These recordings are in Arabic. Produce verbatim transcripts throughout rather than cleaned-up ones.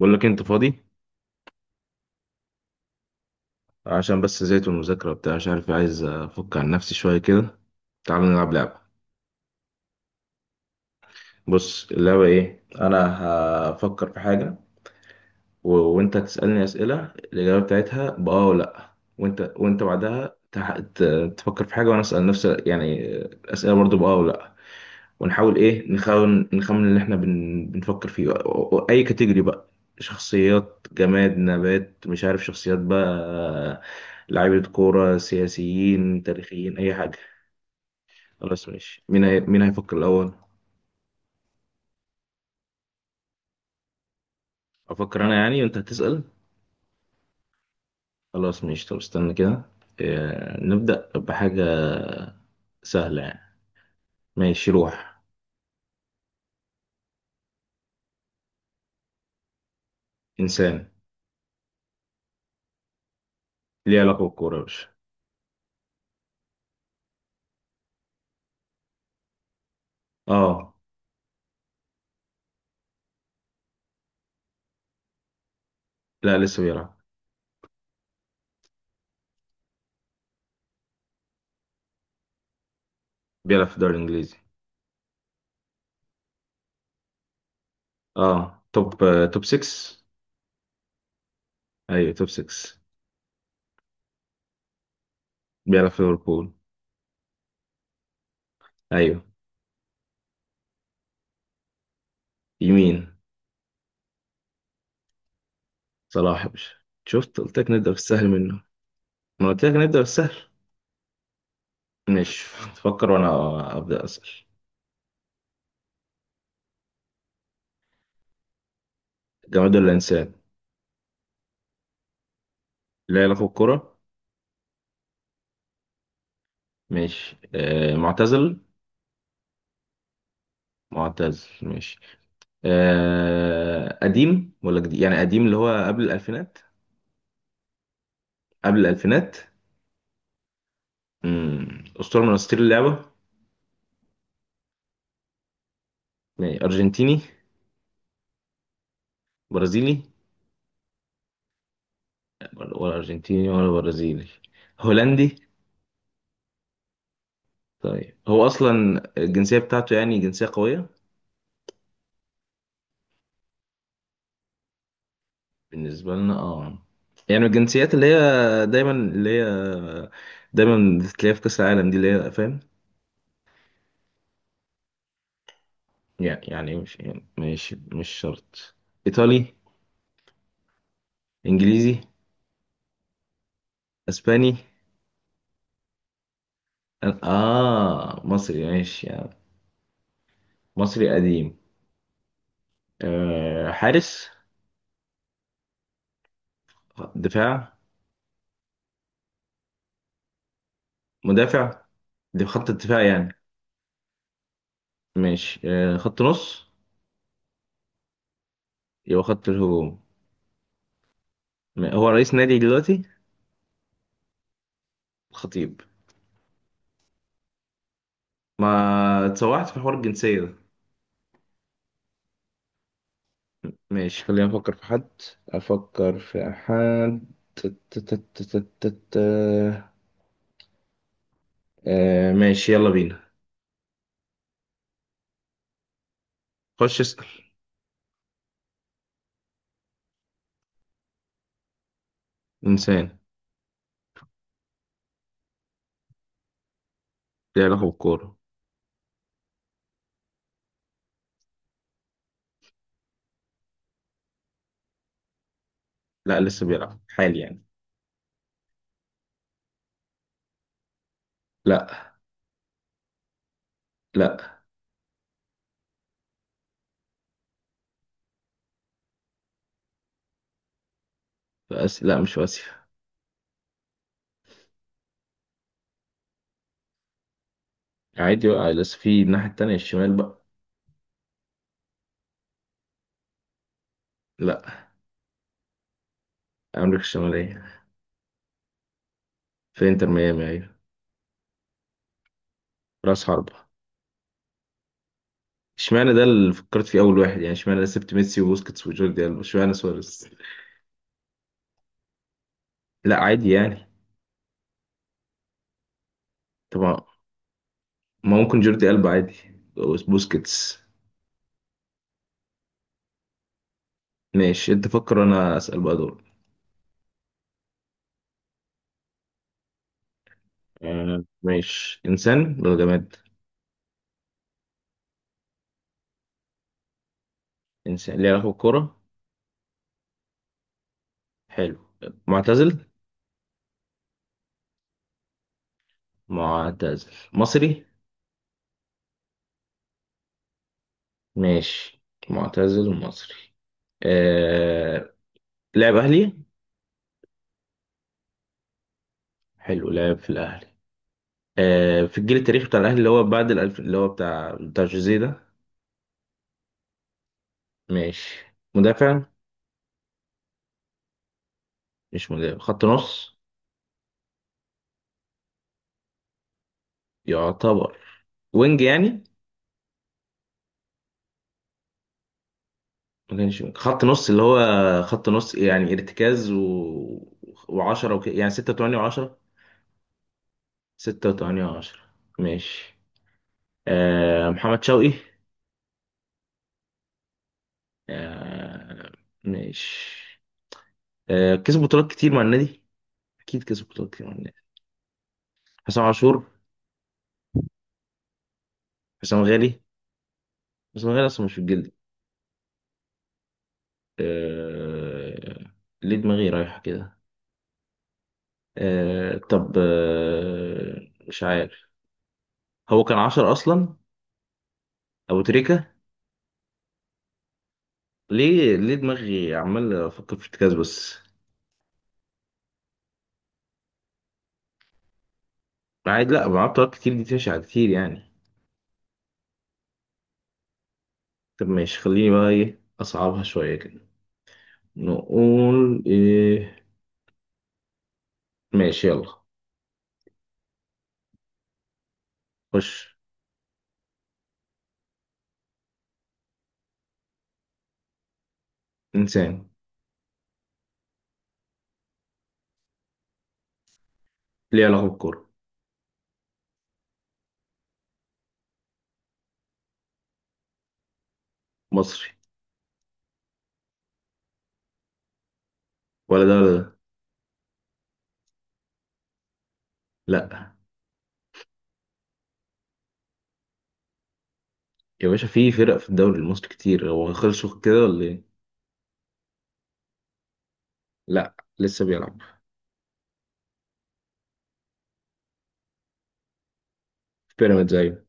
بقول لك إيه، انت فاضي عشان بس زهقت من المذاكره وبتاع مش عارف، عايز افك عن نفسي شويه كده. تعال نلعب لعبه. بص اللعبه ايه، انا هفكر في حاجه و... وانت تسالني اسئله الاجابه بتاعتها باه ولا لا، وانت وانت بعدها تح... ت... تفكر في حاجه وانا اسال نفس يعني اسئله برضو باه ولا لا. ونحاول ايه، نخمن نخمن اللي احنا بن... بنفكر فيه، و- و- اي كاتيجوري بقى. شخصيات، جماد، نبات، مش عارف، شخصيات بقى، لعيبة كورة، سياسيين، تاريخيين، اي حاجة. خلاص ماشي، مين هي... مين هيفكر الاول؟ افكر انا يعني وانت هتسأل. خلاص ماشي، طب استنى كده. إيه... نبدأ بحاجة سهلة يعني. ماشي روح. انسان. ليه علاقة بالكورة يا باشا. اه. لا لسه بيلعب. بيلعب في الدوري الانجليزي. اه، توب آه، توب ستة. ايوه توب ستة. بيلعب في ليفربول. ايوه. يمين. صلاح يا باشا. شفت، قلت لك نبدأ بالسهل منه. ما قلت لك نبدأ بالسهل. ماشي. تفكر وانا ابدأ اسأل. جماد ولا انسان؟ لا، يلعب الكرة. ماشي، آه معتزل. معتزل ماشي. آه قديم ولا جديد؟ يعني قديم اللي هو قبل الألفينات. قبل الألفينات. مم. أسطورة من أساطير اللعبة. ماشي. أرجنتيني؟ برازيلي؟ ولا أرجنتيني ولا برازيلي. هولندي؟ طيب هو اصلا الجنسيه بتاعته يعني جنسيه قويه؟ بالنسبه لنا اه. يعني الجنسيات اللي هي دايما اللي هي دايما بتلاقيها في كاس العالم دي، اللي هي فاهم. يعني يعني مش مش مش شرط. ايطالي؟ انجليزي؟ اسباني؟ اه، مصري ماشي يعني. مصري قديم. آه حارس؟ دفاع؟ مدافع. دي خط الدفاع يعني. ماشي، آه خط نص. يبقى خط الهجوم. هو رئيس نادي دلوقتي؟ الخطيب. ما اتسوحت في حوار الجنسية ده. ماشي، خلينا نفكر في حد. أفكر في حد. تت- تت- تت- تت- آه ماشي يلا بينا. خش اسأل. إنسان. ليه علاقة بالكورة. لا، لسه بيلعب حالي يعني. لا. لا. في آسيا؟ لا، مش في آسيا. عادي بقى، لسه في الناحية التانية، الشمال بقى. لا. أمريكا الشمالية. في إنتر ميامي، أيوة. رأس حربة. اشمعنى ده اللي فكرت فيه أول واحد يعني؟ اشمعنى؟ أنا سبت ميسي وبوسكيتس وجوردي ألبا، اشمعنى سواريز؟ لا عادي يعني. طبعا. ما ممكن جوردي ألبا عادي. بوسكيتس. ماشي، انت فكر انا اسأل بقى دول. آه ماشي، انسان ولا جماد؟ انسان. ليه علاقة بالكورة. حلو. معتزل. معتزل مصري. ماشي. معتزل ومصري. آه... لعب اهلي. حلو، لعب في الاهلي. آه... في الجيل التاريخي بتاع الاهلي، اللي هو بعد الالف، اللي هو بتاع بتاع جوزيه ده. ماشي. مدافع؟ مش مدافع، خط نص. يعتبر. وينج يعني. ما كانش خط نص، اللي هو خط نص يعني ارتكاز و... وعشرة وك... يعني ستة وتمانية وعشرة. ستة وتمانية وعشرة. ماشي، آه محمد شوقي. آه. ماشي. آه كسب بطولات كتير مع النادي. أكيد كسب بطولات كتير مع النادي. حسام عاشور. حسام غالي. حسام غالي أصلا مش في الجلد. آه... ليه دماغي رايحة كده. آه... طب آه... مش عارف. هو كان عشرة أصلا. أبو تريكة. ليه ليه دماغي عمال افكر في ارتكاز بس. عادي، لا معايا طرق كتير، دي تشع كتير يعني. طب ماشي، خليني بقى ايه، اصعبها شويه كده. نقول ايه. ماشي يلا. خش. انسان. ليه علاقه بالكوره. مصري. ولا ده ولا ده. لا. يا باشا في فرق في الدوري المصري كتير، هو خلصوا كده ولا ايه؟ لا لسه بيلعب. في بيراميدز، ايوه.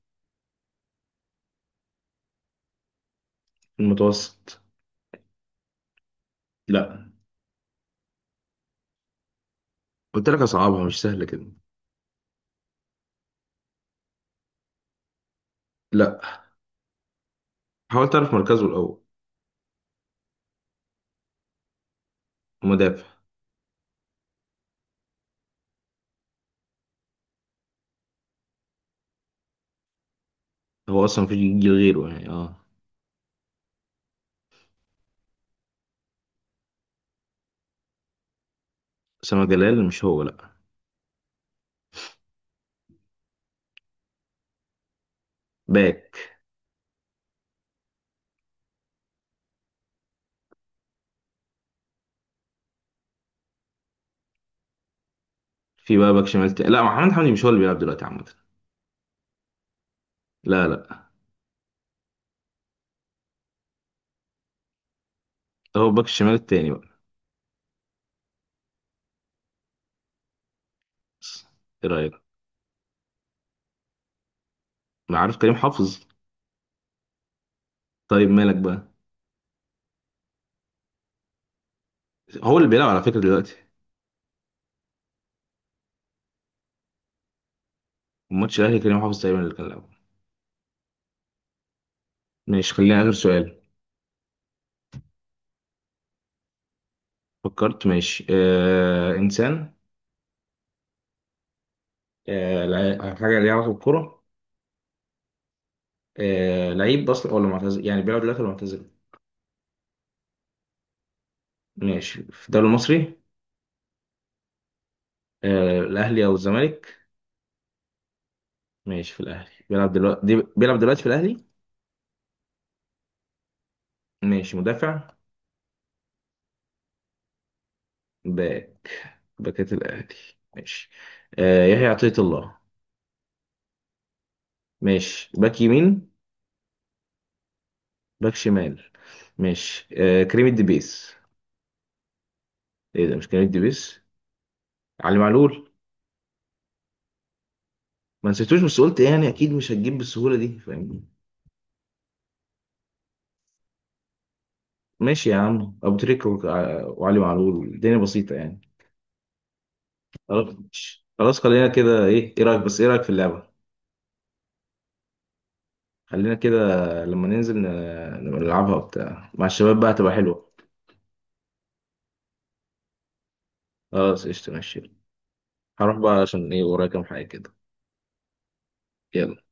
في المتوسط. لا. قلت لك اصعبها، مش سهله كده. لا. حاول تعرف مركزه الاول. مدافع. هو اصلا مفيش جيل غيره يعني، اه. اسامه جلال مش هو، لا. باك. في بقى باك شمال تاني؟ لا، محمد حمدي مش هو اللي بيلعب دلوقتي عامه؟ لا لا. هو باك الشمال التاني بقى. بس، ايه رايك. ما عارف، كريم حافظ. طيب مالك بقى. هو اللي بيلعب على فكره دلوقتي. ماتش الاهلي كريم حافظ تقريبا اللي كان لعبه. ماشي، خلينا اخر سؤال. فكرت ماشي، آه انسان. آه لع- حاجه ليها علاقه بالكوره. آه لعيب اصلا ولا معتزل؟ يعني بيلعب دلوقتي ولا معتزل. ماشي، في الدوري المصري. آه الاهلي او الزمالك. ماشي، في الاهلي بيلعب دلوقتي، دي بيلعب دلوقتي في الاهلي. ماشي، مدافع. باك. باكات الأهلي. ماشي. آه يحيى عطية الله. ماشي، باك يمين. باك شمال. ماشي، آه كريم الدبيس. ايه ده، مش كريم الدبيس. علي معلول. ما نسيتوش، بس قلت يعني اكيد مش هتجيب بالسهولة دي، فاهمني. ماشي يا عم، ابو تريكة وع- وعلي معلول، الدنيا بسيطة يعني. خلاص ماشي. خلاص خلينا كده. ايه ايه رأيك، بس ايه رأيك في اللعبة؟ خلينا كده. لما ننزل ن- نبقى نلعبها وبتاع مع الشباب بقى، هتبقى حلوة. خلاص قشطة ماشي. هروح بقى عشان ايه، ورايا كام حاجة كده. يلا.